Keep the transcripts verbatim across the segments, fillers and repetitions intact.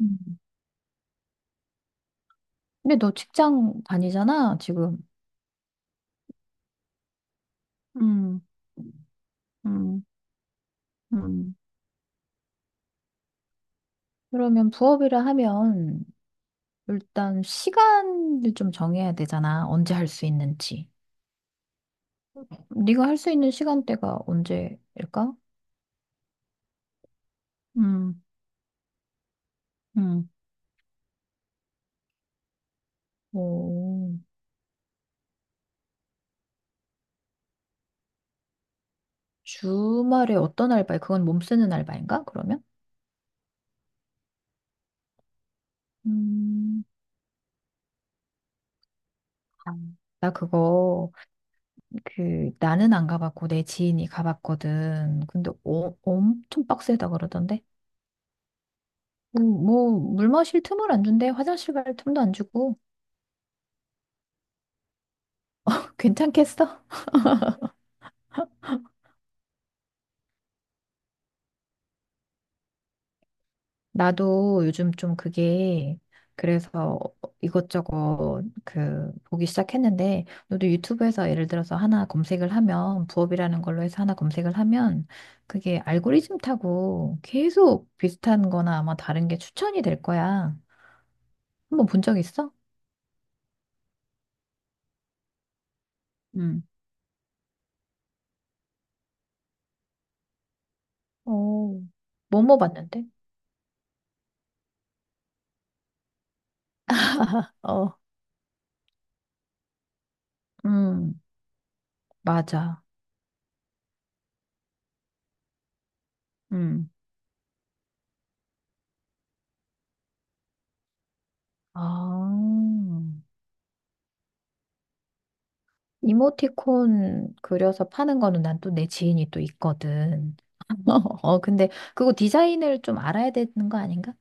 음. 근데 너 직장 다니잖아, 지금. 음, 음, 음. 그러면 부업이라 하면 일단 시간을 좀 정해야 되잖아. 언제 할 수 있는지. 네가 할 수 있는 시간대가 언제일까? 음, 음, 오. 주말에 어떤 알바야? 그건 몸 쓰는 알바인가? 그러면? 음. 아, 나 그거, 그 나는 안 가봤고 내 지인이 가봤거든. 근데 어, 엄청 빡세다 그러던데. 음, 뭐, 물 마실 틈을 안 준대. 화장실 갈 틈도 안 주고. 괜찮겠어? 나도 요즘 좀 그게, 그래서 이것저것 그, 보기 시작했는데, 너도 유튜브에서 예를 들어서 하나 검색을 하면, 부업이라는 걸로 해서 하나 검색을 하면, 그게 알고리즘 타고 계속 비슷한 거나 아마 다른 게 추천이 될 거야. 한번 본 적 있어? 응. 오. 뭐뭐 봤는데? 어, 음, 맞아. 음. 아. 이모티콘 그려서 파는 거는 난 또 내 지인이 또 있거든. 어, 근데 그거 디자인을 좀 알아야 되는 거 아닌가?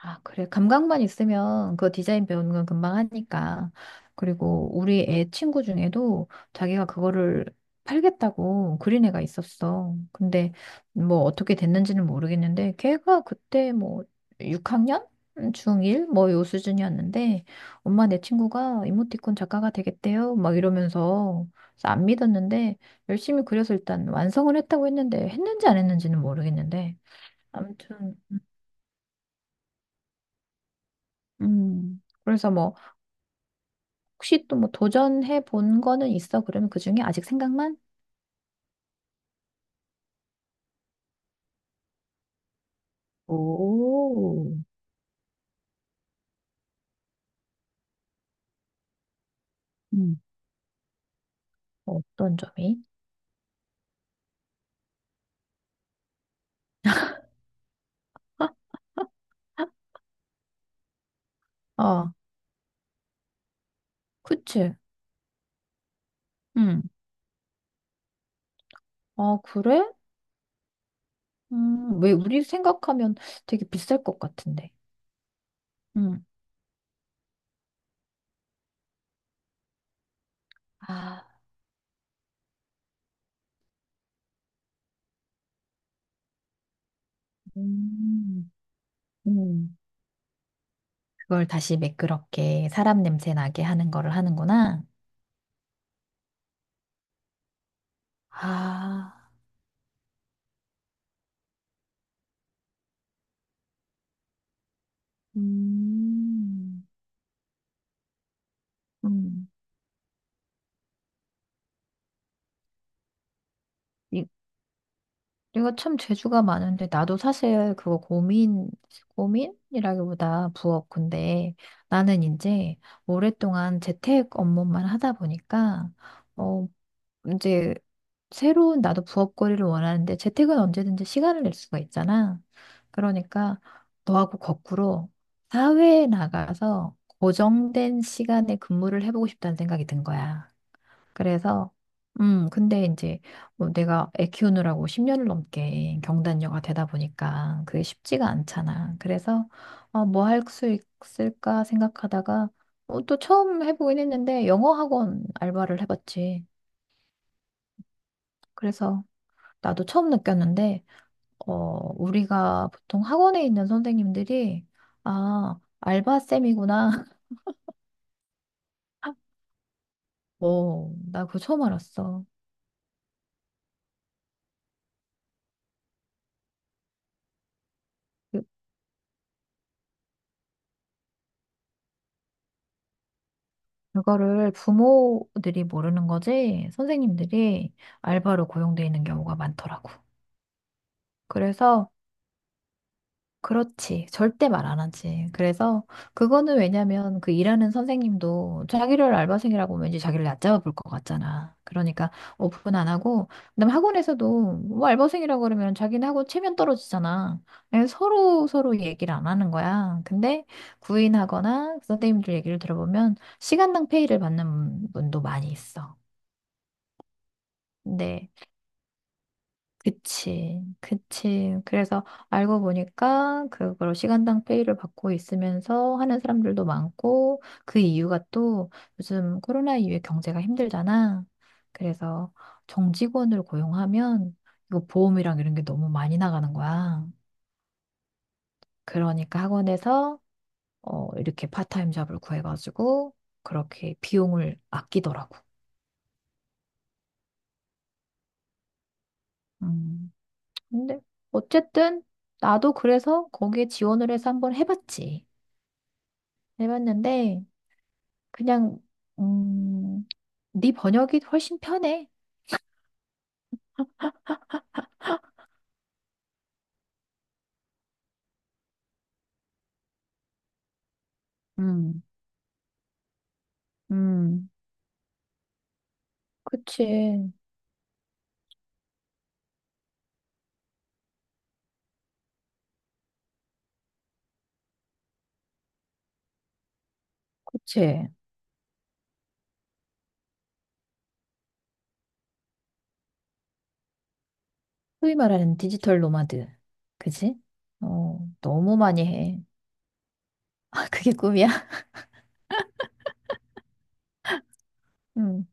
아, 그래. 감각만 있으면 그 디자인 배우는 건 금방 하니까. 그리고 우리 애 친구 중에도 자기가 그거를 팔겠다고 그린 애가 있었어. 근데 뭐 어떻게 됐는지는 모르겠는데, 걔가 그때 뭐 육 학년? 중1? 뭐 요 수준이었는데, 엄마, 내 친구가 이모티콘 작가가 되겠대요, 막 이러면서. 그래서 안 믿었는데 열심히 그려서 일단 완성을 했다고 했는데, 했는지 안 했는지는 모르겠는데, 아무튼. 음. 그래서 뭐, 혹시 또 뭐 도전해 본 거는 있어? 그러면 그 중에 아직 생각만? 오, 음. 어떤 점이? 아, 그치. 음. 아, 그래? 음, 왜, 우리 생각하면 되게 비쌀 것 같은데. 음. 아, 음, 음. 그걸 다시 매끄럽게 사람 냄새 나게 하는 거를 하는구나. 아, 음. 음. 이거 참 재주가 많은데, 나도 사실 그거 고민, 고민이라기보다 부업, 근데 나는 이제 오랫동안 재택 업무만 하다 보니까, 어 이제, 새로운 나도 부업거리를 원하는데 재택은 언제든지 시간을 낼 수가 있잖아. 그러니까 너하고 거꾸로 사회에 나가서 고정된 시간에 근무를 해보고 싶다는 생각이 든 거야. 그래서, 음, 근데 이제 뭐 내가 애 키우느라고 십 년을 넘게 경단녀가 되다 보니까 그게 쉽지가 않잖아. 그래서, 어, 뭐 할 수 있을까 생각하다가, 어, 또 처음 해보긴 했는데, 영어 학원 알바를 해봤지. 그래서 나도 처음 느꼈는데, 어, 우리가 보통 학원에 있는 선생님들이, 아, 알바쌤이구나. 어, 나 그거 처음 알았어. 그거를 부모들이 모르는 거지. 선생님들이 알바로 고용돼 있는 경우가 많더라고. 그래서, 그렇지. 절대 말 안 하지. 그래서, 그거는 왜냐면 그 일하는 선생님도 자기를 알바생이라고 왠지 자기를 얕잡아 볼 것 같잖아. 그러니까 오픈 안 하고, 그다음 학원에서도 뭐 알바생이라고 그러면 자기는 학원 체면 떨어지잖아. 그냥 서로 서로 얘기를 안 하는 거야. 근데 구인하거나 그 선생님들 얘기를 들어보면 시간당 페이를 받는 분도 많이 있어. 네, 그치, 그치. 그래서 알고 보니까 그걸로 시간당 페이를 받고 있으면서 하는 사람들도 많고, 그 이유가 또 요즘 코로나 이후에 경제가 힘들잖아. 그래서 정직원을 고용하면 이거 보험이랑 이런 게 너무 많이 나가는 거야. 그러니까 학원에서 어, 이렇게 파타임 잡을 구해가지고 그렇게 비용을 아끼더라고. 음. 근데 어쨌든 나도 그래서 거기에 지원을 해서 한번 해봤지. 해봤는데 그냥, 음, 네 번역이 훨씬 편해. 음, 음, 그치, 그치. 소위 말하는 디지털 노마드. 그치? 어, 너무 많이 해. 아, 그게 꿈이야? 음,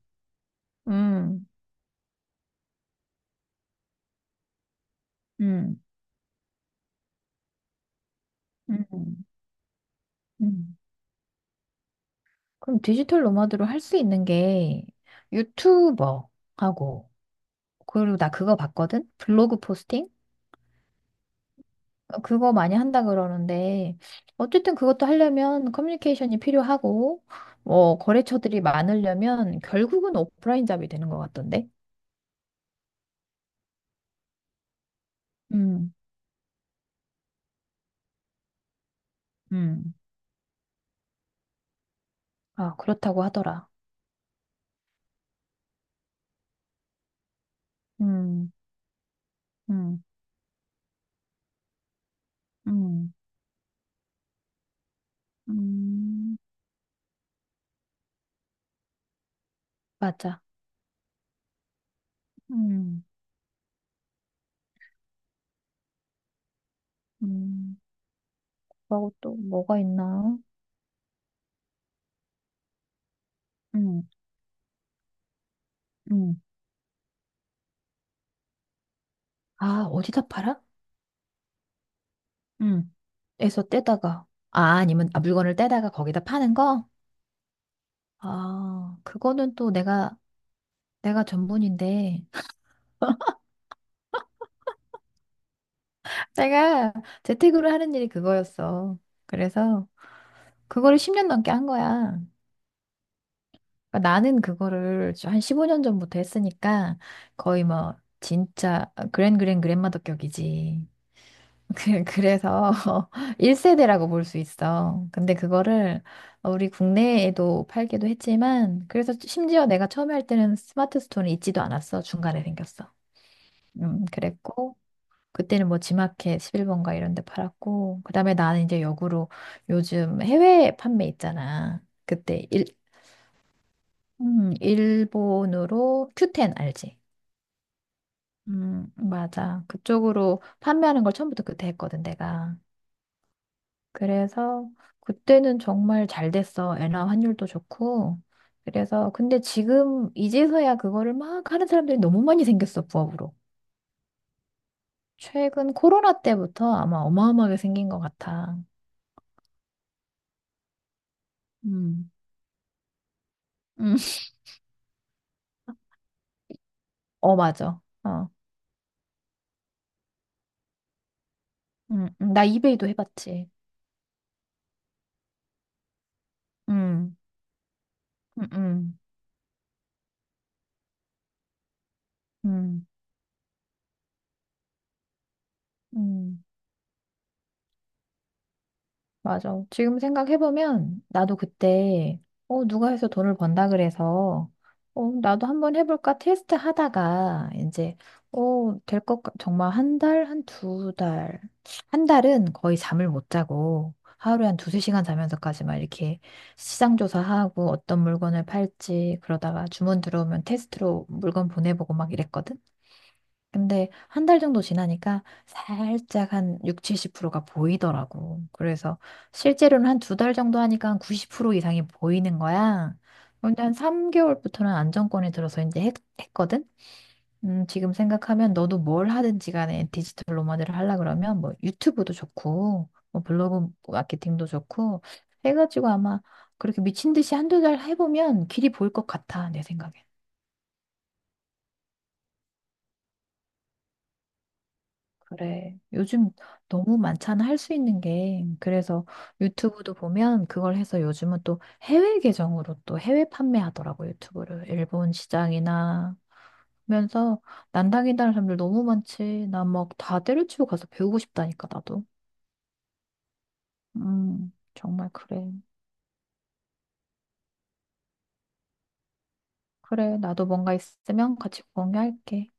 음, 음, 음, 음. 그럼 디지털 노마드로 할 수 있는 게 유튜버하고, 그리고 나 그거 봤거든? 블로그 포스팅? 그거 많이 한다 그러는데, 어쨌든 그것도 하려면 커뮤니케이션이 필요하고, 뭐, 거래처들이 많으려면 결국은 오프라인 잡이 되는 것 같던데? 음, 음, 아, 그렇다고 하더라. 음, 음, 음, 음, 맞아. 음, 음, 그리고 또 뭐가 있나? 음, 음, 아, 어디다 팔아? 음. 에서 떼다가. 아, 아니면, 아, 물건을 떼다가 거기다 파는 거? 아, 그거는 또 내가 내가 전문인데. 내가 재택으로 하는 일이 그거였어. 그래서 그거를 십 년 넘게 한 거야. 그러니까 나는 그거를 한 십오 년 전부터 했으니까 거의 뭐 진짜 그랜 그랜 그랜마더격이지. 그- 그래서 일 세대라고 볼 수 있어. 근데 그거를, 우리 국내에도 팔기도 했지만, 그래서 심지어 내가 처음에 할 때는 스마트 스토어는 있지도 않았어. 중간에 생겼어. 음, 그랬고, 그때는 뭐 지마켓 십일 번가 이런 데 팔았고, 그다음에 나는 이제 역으로, 요즘 해외 판매 있잖아. 그때 일, 음, 일본으로 큐텐 알지? 음, 맞아. 그쪽으로 판매하는 걸 처음부터 그때 했거든, 내가. 그래서 그때는 정말 잘 됐어. 엔화 환율도 좋고. 그래서 근데 지금 이제서야 그거를 막 하는 사람들이 너무 많이 생겼어, 부업으로. 최근 코로나 때부터 아마 어마어마하게 생긴 것 같아. 음. 음. 어, 맞아. 어. 음, 음. 나 이베이도 해봤지. 음, 음, 음, 음, 음. 맞아. 지금 생각해보면 나도 그때, 어, 누가 해서 돈을 번다 그래서, 어, 나도 한번 해볼까 테스트 하다가, 이제, 어, 될 것, 같- 정말 한 달, 한 두 달. 한 달은 거의 잠을 못 자고, 하루에 한 두세 시간 자면서까지 막 이렇게 시장 조사하고 어떤 물건을 팔지, 그러다가 주문 들어오면 테스트로 물건 보내보고 막 이랬거든? 근데 한 달 정도 지나니까 살짝 한 육, 칠십 프로가 보이더라고. 그래서 실제로는 한 두 달 정도 하니까 한 구십 프로 이상이 보이는 거야. 근데 한 삼 개월부터는 안정권에 들어서 이제 했, 했거든? 음, 지금 생각하면 너도 뭘 하든지 간에 디지털 노마드를 하려 그러면 뭐 유튜브도 좋고, 뭐 블로그 마케팅도 좋고, 해가지고 아마 그렇게 미친 듯이 한 두 달 해보면 길이 보일 것 같아, 내 생각에. 그래. 요즘 너무 많잖아, 할 수 있는 게. 그래서 유튜브도 보면 그걸 해서 요즘은 또 해외 계정으로 또 해외 판매하더라고, 유튜브를. 일본 시장이나 하면서, 난당이다는 사람들 너무 많지. 나 막 다 때려치고 가서 배우고 싶다니까, 나도. 음, 정말 그래. 그래, 나도 뭔가 있으면 같이 공유할게.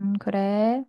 음, 그래.